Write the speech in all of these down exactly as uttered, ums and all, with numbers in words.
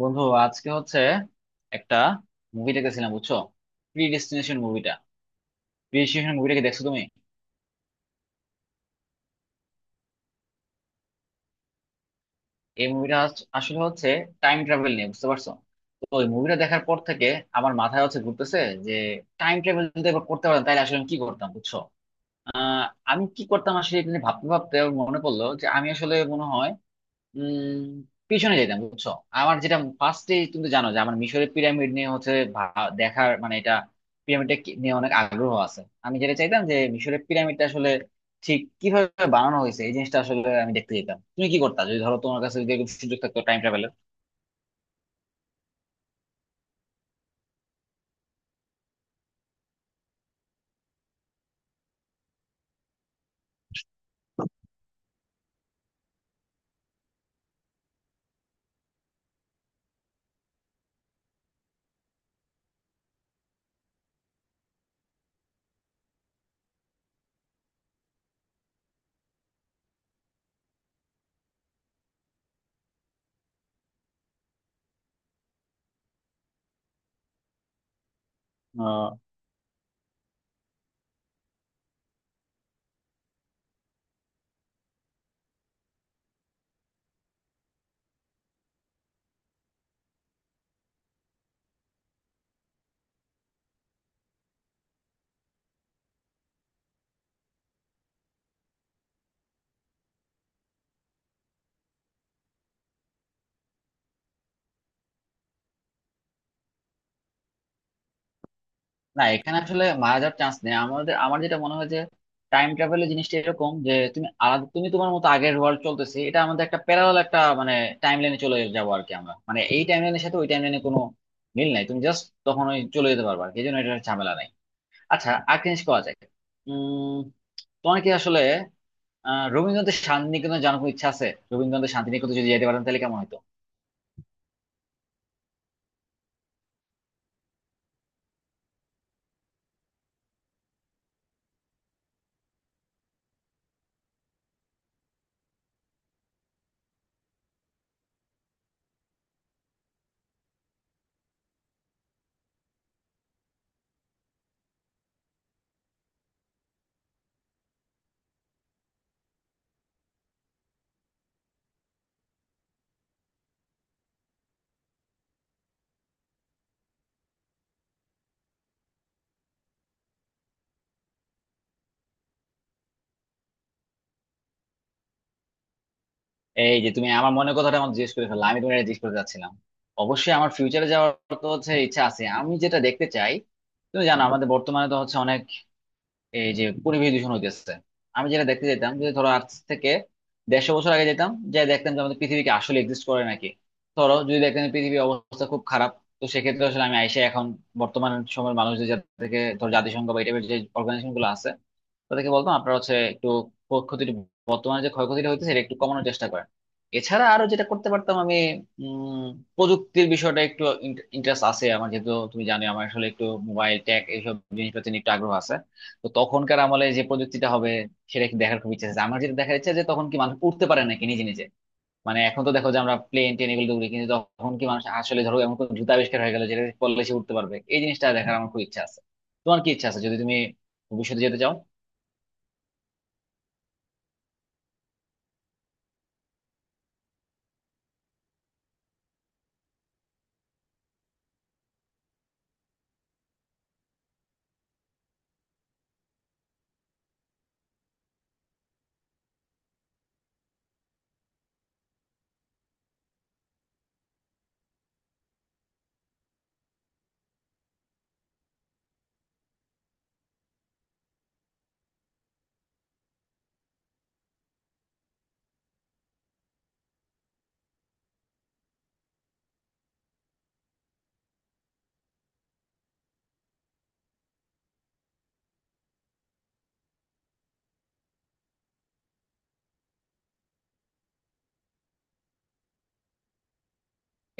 বন্ধু আজকে হচ্ছে একটা মুভি দেখেছিলাম বুঝছো, প্রি ডেস্টিনেশন মুভিটা। প্রি ডেস্টিনেশন মুভিটা কি দেখছো তুমি? এই মুভিটা আসলে হচ্ছে টাইম ট্রাভেল নিয়ে, বুঝতে পারছো? তো ওই মুভিটা দেখার পর থেকে আমার মাথায় হচ্ছে ঘুরতেছে যে টাইম ট্রাভেল যদি এবার করতে পারতাম তাহলে আসলে আমি কি করতাম বুঝছো। আহ, আমি কি করতাম আসলে, এটা নিয়ে ভাবতে ভাবতে আমার মনে পড়লো যে আমি আসলে মনে হয় উম পিছনে যেতাম বুঝছো। আমার যেটা ফার্স্টে, তুমি তো জানো যে আমার মিশরের পিরামিড নিয়ে হচ্ছে ভা- দেখার মানে এটা পিরামিডটা কি- নিয়ে অনেক আগ্রহ আছে। আমি যেটা চাইতাম যে মিশরের পিরামিডটা আসলে ঠিক কিভাবে বানানো হয়েছে এই জিনিসটা আসলে আমি দেখতে যেতাম। তুমি কি করতা যদি ধরো তোমার কাছে যদি এরকম সুযোগ থাকতো টাইম ট্রাভেলের? না, এখানে আসলে মারা যাওয়ার চান্স নেই আমাদের। আমার যেটা মনে হয় যে টাইম ট্রাভেলের জিনিসটা এরকম যে তুমি আলাদা, তুমি তোমার মতো, আগের ওয়ার্ল্ড চলতেছে, এটা আমাদের একটা প্যারালাল একটা মানে টাইম লাইনে চলে যাবো আর কি আমরা, মানে এই টাইম লাইনের সাথে ওই টাইম লাইনে কোনো মিল নাই। তুমি জাস্ট তখন ওই চলে যেতে পারবে আর কি, এই জন্য এটা ঝামেলা নাই। আচ্ছা, আর কি জিনিস করা যায়? উম তোমার কি আসলে আহ রবীন্দ্রনাথের শান্তিনিকেতনে জানার কোনো ইচ্ছা আছে? রবীন্দ্রনাথের শান্তিনিকেতনে যদি যেতে পারেন তাহলে কেমন হতো? এই যে তুমি আমার মনের কথাটা আমার জিজ্ঞেস করে ফেললা, আমি তোমার জিজ্ঞেস করতে চাচ্ছিলাম। অবশ্যই আমার ফিউচারে যাওয়ার তো হচ্ছে ইচ্ছা আছে। আমি যেটা দেখতে চাই, তুমি জানো আমাদের বর্তমানে তো হচ্ছে অনেক এই যে পরিবেশ দূষণ হইতেছে। আমি যেটা দেখতে যেতাম যে ধরো আজ থেকে দেড়শো বছর আগে যেতাম, যে দেখতাম যে আমাদের পৃথিবীকে আসলে এক্সিস্ট করে নাকি। ধরো যদি দেখতাম যে পৃথিবীর অবস্থা খুব খারাপ, তো সেক্ষেত্রে আসলে আমি আইসে এখন বর্তমান সময়ের মানুষদের, যাদেরকে ধরো জাতিসংঘ বা এই টাইপের যে অর্গানাইজেশন গুলো আছে, তাদেরকে বলতাম আপনারা হচ্ছে একটু ক্ষতিটা, বর্তমানে যে ক্ষয়ক্ষতিটা হইতেছে এটা একটু কমানোর চেষ্টা করেন। এছাড়া আরো যেটা করতে পারতাম আমি, উম প্রযুক্তির বিষয়টা একটু ইন্টারেস্ট আছে আমার, যেহেতু তুমি জানো আমার আসলে একটু মোবাইল ট্যাক এইসব জিনিসপাতি নিয়ে একটু আগ্রহ আছে। তো তখনকার আমলে যে প্রযুক্তিটা হবে সেটা কি দেখার খুব ইচ্ছা আছে আমার। যেটা দেখার ইচ্ছা যে তখন কি মানুষ উঠতে পারে নাকি নিজে নিজে, মানে এখন তো দেখো যে আমরা প্লেন ট্রেন এগুলো উড়ি, কিন্তু তখন কি মানুষ আসলে ধরো এমন কোনো জুতা আবিষ্কার হয়ে গেল যেটা পরলে সে উঠতে পারবে, এই জিনিসটা দেখার আমার খুব ইচ্ছা আছে। তোমার কি ইচ্ছা আছে যদি তুমি ভবিষ্যতে যেতে চাও?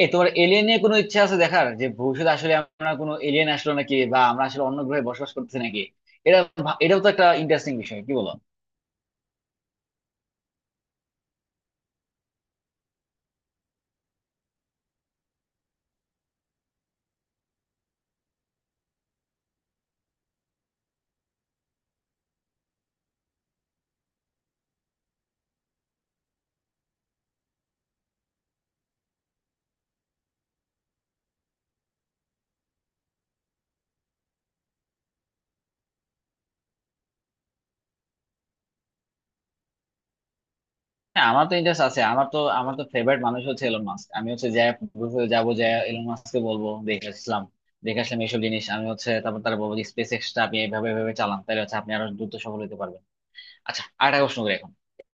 এ, তোমার এলিয়েন নিয়ে কোনো ইচ্ছা আছে দেখার যে ভবিষ্যতে আসলে আমরা কোনো এলিয়েন আসলো নাকি, বা আমরা আসলে অন্য গ্রহে বসবাস করতেছি নাকি? এটা ভা- এটাও তো একটা ইন্টারেস্টিং বিষয়, কি বলো? হ্যাঁ, আমার তো ইন্টারেস্ট আছে। আমার তো আমার তো ফেভারিট মানুষ হচ্ছে এলন মাস্ক। আমি হচ্ছে যাই ভবিষ্যতে, যাবো যাই এলন মাস্ককে বলবো দেখে আসলাম, দেখে আসলাম এইসব জিনিস। আমি হচ্ছে তারপর তারা বলবো যে স্পেস এক্সটা আপনি এভাবে এভাবে চালান, তাহলে হচ্ছে আপনি আরো দ্রুত সফল হতে পারবেন। আচ্ছা, আরেকটা প্রশ্ন করি এখন।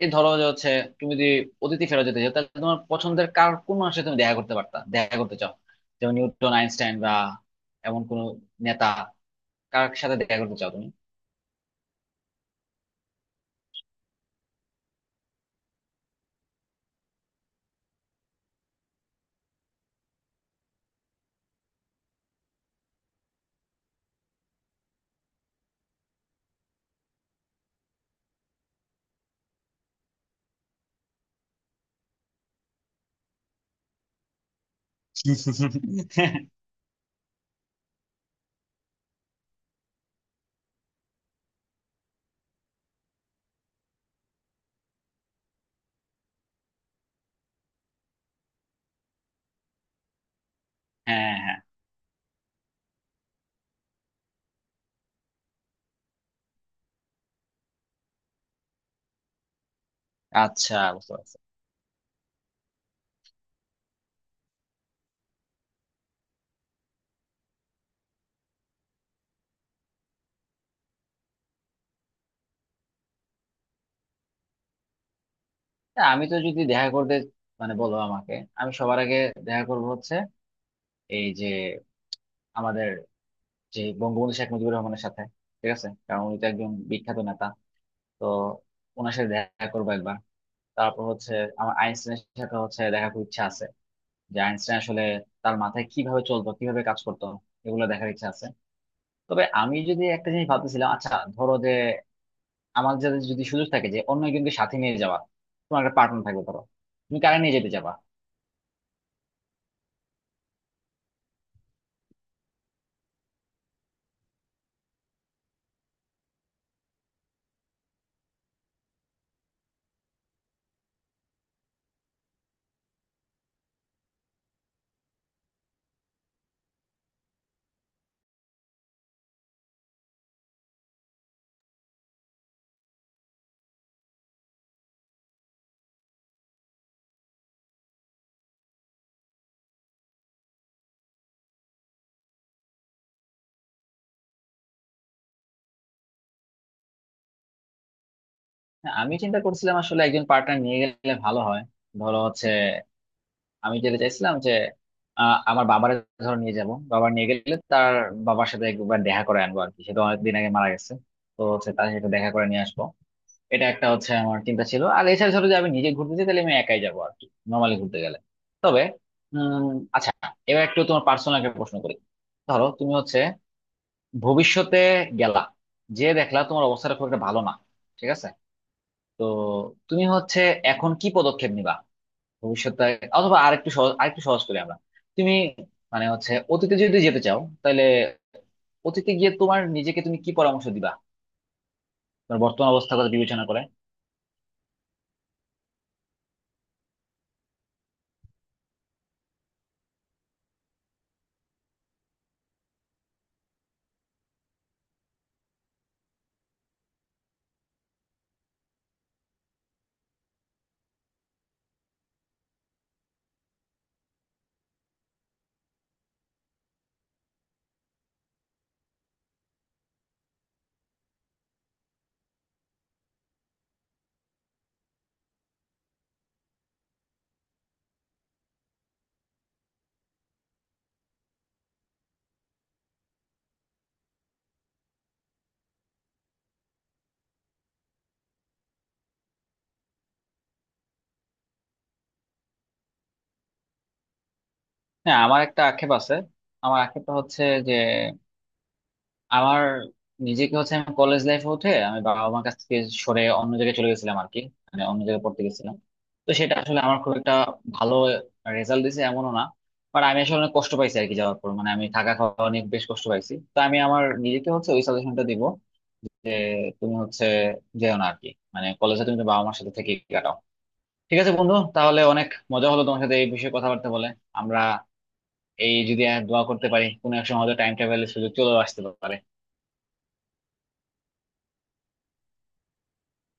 এই ধরো যে হচ্ছে তুমি যদি অতিথি ফেরত যেতে চাও, তাহলে তোমার পছন্দের কার কোন মানুষের তুমি দেখা করতে পারতা, দেখা করতে চাও? যেমন নিউটন, আইনস্টাইন বা এমন কোন নেতা, কার সাথে দেখা করতে চাও তুমি? হ্যাঁ, হ্যাঁ, হ্যাঁ। আচ্ছা, বুঝতে পারছি। তা আমি তো যদি দেখা করতে, মানে বলো আমাকে, আমি সবার আগে দেখা করবো হচ্ছে এই যে আমাদের যে বঙ্গবন্ধু শেখ মুজিবুর রহমানের সাথে, ঠিক আছে, কারণ উনি তো একজন বিখ্যাত নেতা। তো ওনার সাথে দেখা করবো একবার। তারপর হচ্ছে আমার আইনস্টাইনের সাথে হচ্ছে দেখা খুব ইচ্ছা আছে, যে আইনস্টাইন আসলে তার মাথায় কিভাবে চলতো, কিভাবে কাজ করতো, এগুলো দেখার ইচ্ছা আছে। তবে আমি যদি একটা জিনিস ভাবতেছিলাম। আচ্ছা, ধরো যে আমার যাদের যদি সুযোগ থাকে যে অন্য একজনকে সাথে নিয়ে যাওয়া, তোমার একটা পার্টনার থাকবে ধরো, তুমি কারা নিয়ে যেতে যাবা? হ্যাঁ, আমি চিন্তা করছিলাম আসলে একজন পার্টনার নিয়ে গেলে ভালো হয়। ধরো হচ্ছে আমি যেতে চাইছিলাম যে আহ, আমার বাবার, ধরো নিয়ে যাব বাবা, নিয়ে গেলে তার বাবার সাথে একবার দেখা করে আনবো আর কি, সে তো অনেকদিন আগে মারা গেছে। তো হচ্ছে তার সাথে দেখা করে নিয়ে আসবো। এটা একটা হচ্ছে আমার চিন্তা ছিল। আর এছাড়া ধরো যে আমি নিজে ঘুরতে যাই তাহলে আমি একাই যাবো আর কি, নর্মালি ঘুরতে গেলে। তবে উম আচ্ছা, এবার একটু তোমার পার্সোনাল একটা প্রশ্ন করি। ধরো তুমি হচ্ছে ভবিষ্যতে গেলা, যে দেখলা তোমার অবস্থাটা খুব একটা ভালো না, ঠিক আছে, তো তুমি হচ্ছে এখন কি পদক্ষেপ নিবা ভবিষ্যতে? অথবা আরেকটু সহজ আরেকটু সহজ করি আমরা। তুমি মানে হচ্ছে অতীতে যদি যেতে চাও, তাহলে অতীতে গিয়ে তোমার নিজেকে তুমি কি পরামর্শ দিবা তোমার বর্তমান অবস্থার কথা বিবেচনা করে? হ্যাঁ, আমার একটা আক্ষেপ আছে। আমার আক্ষেপটা হচ্ছে যে আমার নিজেকে হচ্ছে, আমি কলেজ লাইফে উঠে আমি বাবা মার কাছ থেকে সরে অন্য জায়গায় চলে গেছিলাম আর কি, মানে অন্য জায়গায় পড়তে গেছিলাম। তো সেটা আসলে আমার খুব একটা ভালো রেজাল্ট দিছে এমনও না, বাট আমি আসলে অনেক কষ্ট পাইছি আর কি। যাওয়ার পর মানে আমি থাকা খাওয়া অনেক বেশ কষ্ট পাইছি। তো আমি আমার নিজেকে হচ্ছে ওই সাজেশনটা দিব যে তুমি হচ্ছে যেও না আর কি, মানে কলেজে তুমি তো বাবা মার সাথে থেকে কাটাও। ঠিক আছে বন্ধু, তাহলে অনেক মজা হলো তোমার সাথে এই বিষয়ে কথাবার্তা বলে। আমরা এই যদি আর দোয়া করতে পারি, কোনো এক সময় হয়তো টাইম ট্রাভেলের সুযোগ চলেও আসতে পারে।